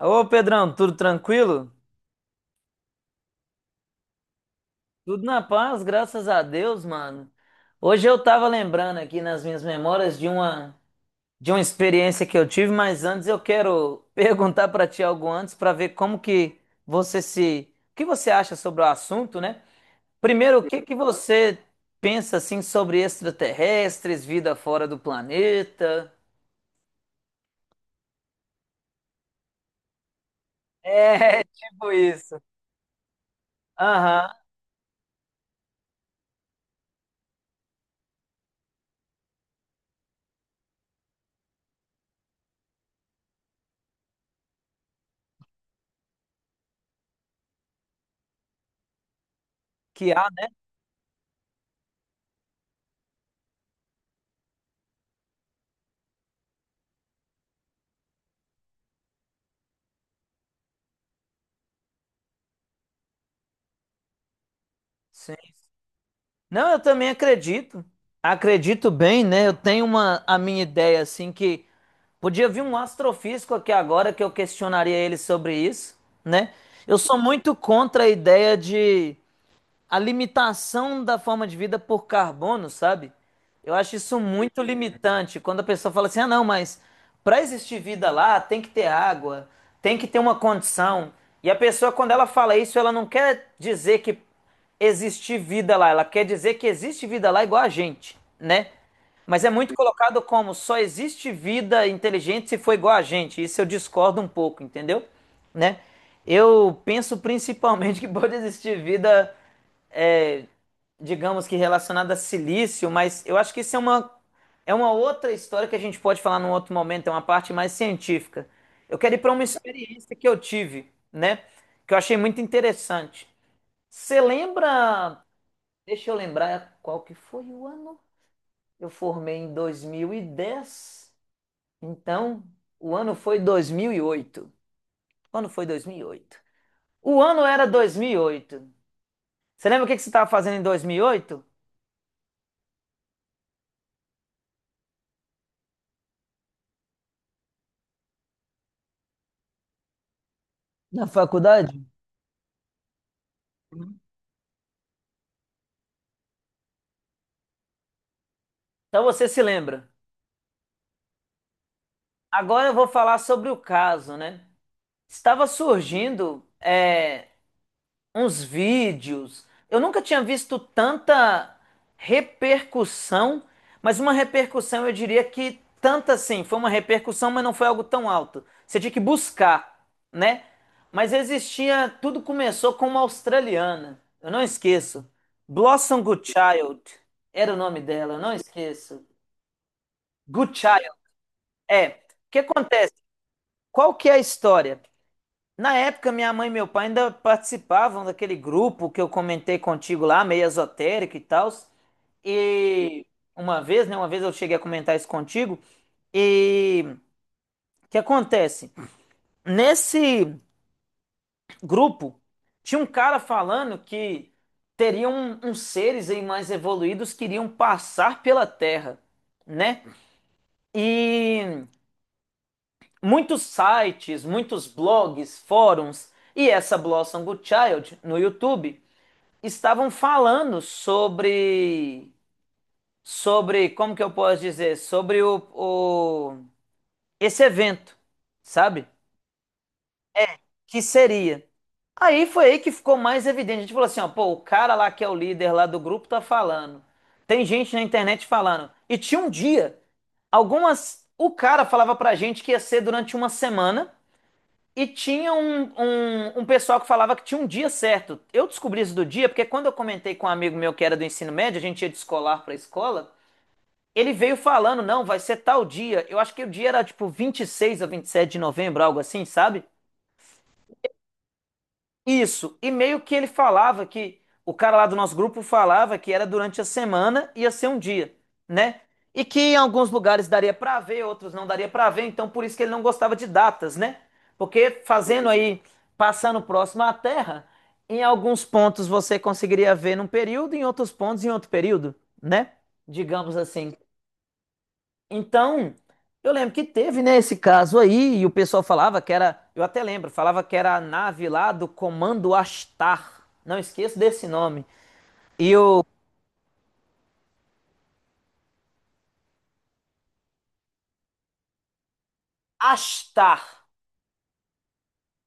Ô, Pedrão, tudo tranquilo? Tudo na paz, graças a Deus, mano. Hoje eu tava lembrando aqui nas minhas memórias de uma experiência que eu tive, mas antes eu quero perguntar pra ti algo antes pra ver como que você se, o que você acha sobre o assunto, né? Primeiro, o que que você pensa assim sobre extraterrestres, vida fora do planeta? É, tipo isso. Aham, que há, né? Não, eu também acredito. Acredito bem, né? Eu tenho uma a minha ideia assim que podia vir um astrofísico aqui agora que eu questionaria ele sobre isso, né? Eu sou muito contra a ideia de a limitação da forma de vida por carbono, sabe? Eu acho isso muito limitante. Quando a pessoa fala assim, ah, não, mas para existir vida lá tem que ter água, tem que ter uma condição. E a pessoa, quando ela fala isso, ela não quer dizer que existe vida lá, ela quer dizer que existe vida lá igual a gente, né? Mas é muito colocado como só existe vida inteligente se for igual a gente. Isso eu discordo um pouco, entendeu? Né? Eu penso principalmente que pode existir vida é, digamos que relacionada a silício, mas eu acho que isso é uma outra história que a gente pode falar num outro momento, é uma parte mais científica. Eu quero ir para uma experiência que eu tive, né? Que eu achei muito interessante. Você lembra? Deixa eu lembrar qual que foi o ano. Eu formei em 2010, então o ano foi 2008. Quando foi 2008? O ano era 2008. Você lembra o que que você estava fazendo em 2008? Na faculdade? Então você se lembra. Agora eu vou falar sobre o caso, né? Estava surgindo uns vídeos. Eu nunca tinha visto tanta repercussão, mas uma repercussão eu diria que tanta assim, foi uma repercussão, mas não foi algo tão alto. Você tinha que buscar, né? Mas existia, tudo começou com uma australiana. Eu não esqueço. Blossom Goodchild era o nome dela, eu não esqueço. Goodchild, é. O que acontece? Qual que é a história? Na época, minha mãe e meu pai ainda participavam daquele grupo que eu comentei contigo lá, meio esotérico e tal. E uma vez, né? Uma vez eu cheguei a comentar isso contigo. E o que acontece? Nesse grupo, tinha um cara falando que teriam uns seres aí mais evoluídos que iriam passar pela Terra, né? E muitos sites, muitos blogs, fóruns e essa Blossom Goodchild no YouTube estavam falando sobre como que eu posso dizer, sobre o esse evento, sabe? Que seria. Aí foi aí que ficou mais evidente. A gente falou assim, ó, pô, o cara lá que é o líder lá do grupo tá falando. Tem gente na internet falando. E tinha um dia, algumas o cara falava pra gente que ia ser durante uma semana. E tinha um pessoal que falava que tinha um dia certo. Eu descobri isso do dia, porque quando eu comentei com um amigo meu que era do ensino médio, a gente ia de escolar para a escola, ele veio falando, não, vai ser tal dia. Eu acho que o dia era tipo 26 ou 27 de novembro, algo assim, sabe? Isso, e meio que ele falava que o cara lá do nosso grupo falava que era durante a semana, ia ser um dia, né? E que em alguns lugares daria pra ver, outros não daria pra ver, então por isso que ele não gostava de datas, né? Porque fazendo aí, passando próximo à Terra, em alguns pontos você conseguiria ver num período, em outros pontos em outro período, né? Digamos assim. Então, eu lembro que teve, né, esse caso aí, e o pessoal falava que era, eu até lembro, falava que era a nave lá do Comando Astar. Não esqueço desse nome. E o Astar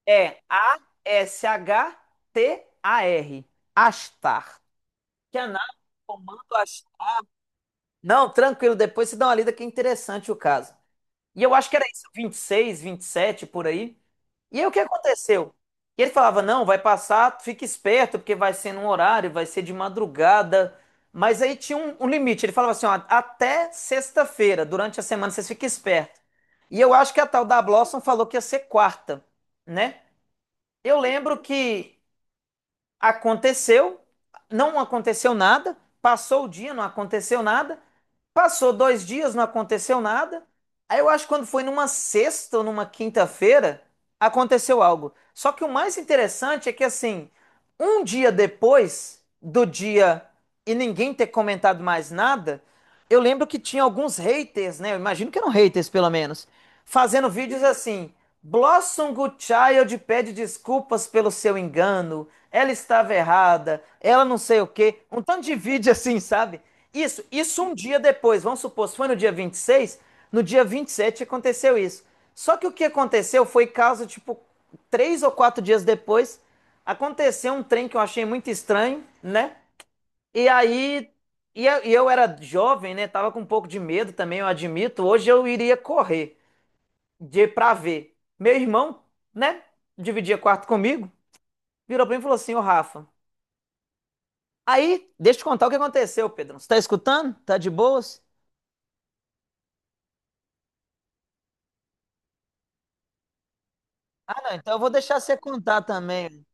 é A-S-H-T-A-R. Astar. Que é a nave do Comando Astar. Não, tranquilo, depois você dá uma lida que é interessante o caso. E eu acho que era isso, vinte e seis vinte e sete por aí. E aí o que aconteceu? E ele falava: não, vai passar, fica esperto, porque vai ser num horário, vai ser de madrugada. Mas aí tinha um limite. Ele falava assim: ó, até sexta-feira, durante a semana, vocês fiquem espertos. E eu acho que a tal da Blossom falou que ia ser quarta, né? Eu lembro que aconteceu, não aconteceu nada, passou o dia, não aconteceu nada. Passou dois dias, não aconteceu nada. Aí eu acho que quando foi numa sexta ou numa quinta-feira, aconteceu algo. Só que o mais interessante é que, assim, um dia depois do dia e ninguém ter comentado mais nada, eu lembro que tinha alguns haters, né? Eu imagino que eram haters, pelo menos, fazendo vídeos assim. Blossom Good Child pede desculpas pelo seu engano. Ela estava errada. Ela não sei o quê. Um tanto de vídeo assim, sabe? Isso um dia depois, vamos supor, se foi no dia 26, no dia 27 aconteceu isso. Só que o que aconteceu foi caso, tipo, três ou quatro dias depois, aconteceu um trem que eu achei muito estranho, né? E aí, e eu era jovem, né? Tava com um pouco de medo também, eu admito. Hoje eu iria correr de pra ver. Meu irmão, né? Dividia quarto comigo, virou pra mim e falou assim: Ô Rafa, aí, deixa eu te contar o que aconteceu, Pedro. Você tá escutando? Tá de boas? Ah, não, então eu vou deixar você contar também.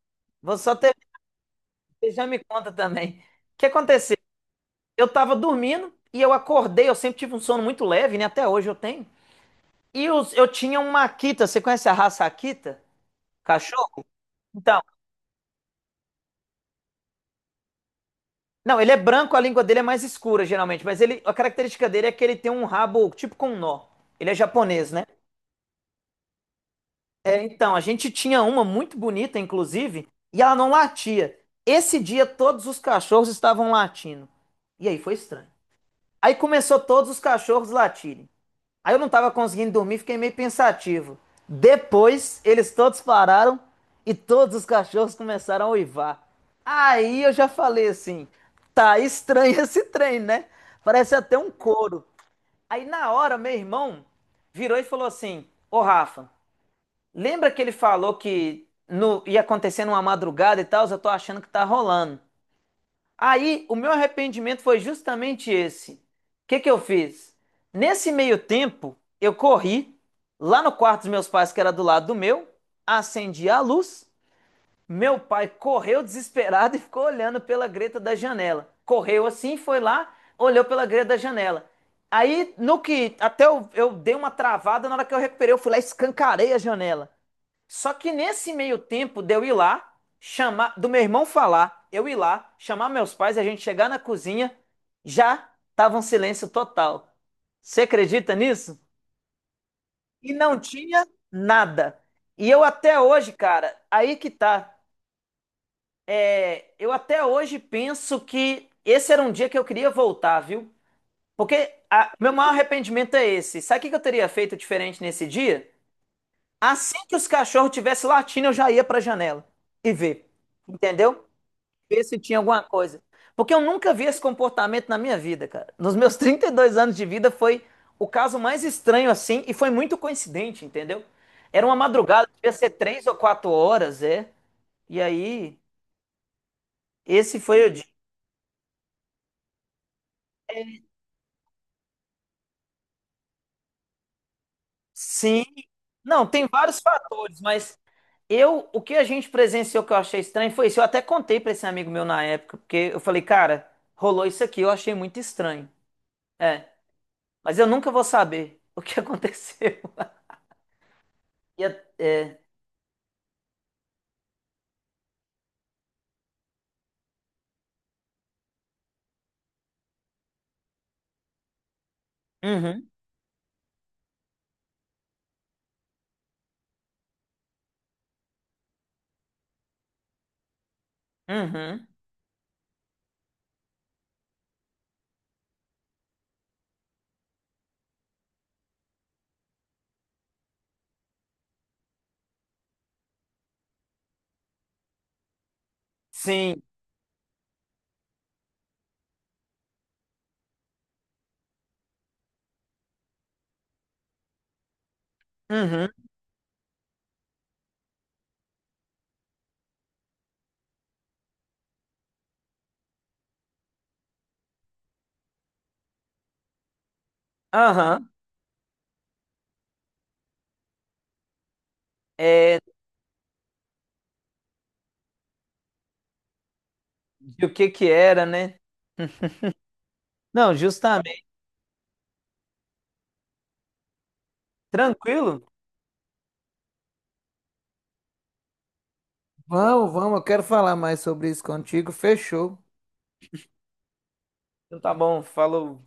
Vou só ter... você já me conta também. O que aconteceu? Eu tava dormindo e eu acordei, eu sempre tive um sono muito leve, né? Até hoje eu tenho. E eu tinha um Akita, você conhece a raça Akita? Cachorro? Então, não, ele é branco, a língua dele é mais escura geralmente, mas ele, a característica dele é que ele tem um rabo tipo com um nó. Ele é japonês, né? Então, a gente tinha uma muito bonita, inclusive, e ela não latia. Esse dia todos os cachorros estavam latindo. E aí foi estranho. Aí começou todos os cachorros latirem. Aí eu não estava conseguindo dormir, fiquei meio pensativo. Depois, eles todos pararam e todos os cachorros começaram a uivar. Aí eu já falei assim: tá estranho esse trem, né? Parece até um coro. Aí na hora, meu irmão virou e falou assim: Ô Rafa, lembra que ele falou que ia acontecer numa madrugada e tal? Eu tô achando que tá rolando. Aí o meu arrependimento foi justamente esse. O que que eu fiz? Nesse meio tempo, eu corri lá no quarto dos meus pais, que era do lado do meu, acendi a luz. Meu pai correu desesperado e ficou olhando pela greta da janela. Correu assim, foi lá, olhou pela greta da janela. Aí, no que eu dei uma travada, na hora que eu recuperei, eu fui lá e escancarei a janela. Só que nesse meio tempo de eu ir lá, chamar, do meu irmão falar, eu ir lá, chamar meus pais e a gente chegar na cozinha, já tava um silêncio total. Você acredita nisso? E não tinha nada. E eu até hoje, cara, aí que tá. É, eu até hoje penso que esse era um dia que eu queria voltar, viu? Porque meu maior arrependimento é esse. Sabe o que que eu teria feito diferente nesse dia? Assim que os cachorros tivessem latindo, eu já ia para a janela e ver. Entendeu? Ver se tinha alguma coisa. Porque eu nunca vi esse comportamento na minha vida, cara. Nos meus 32 anos de vida foi o caso mais estranho assim e foi muito coincidente, entendeu? Era uma madrugada, devia ser três ou quatro horas, é. E aí, esse foi o dia. É, sim. Não, tem vários fatores, mas eu, o que a gente presenciou que eu achei estranho foi isso. Eu até contei pra esse amigo meu na época, porque eu falei, cara, rolou isso aqui, eu achei muito estranho. É, mas eu nunca vou saber o que aconteceu. E é, é, uhum, uhum, sim, uhum, aham, é, de o que que era, né? Não, justamente. Tranquilo? Vamos, vamos, eu quero falar mais sobre isso contigo. Fechou. Então tá bom, falou.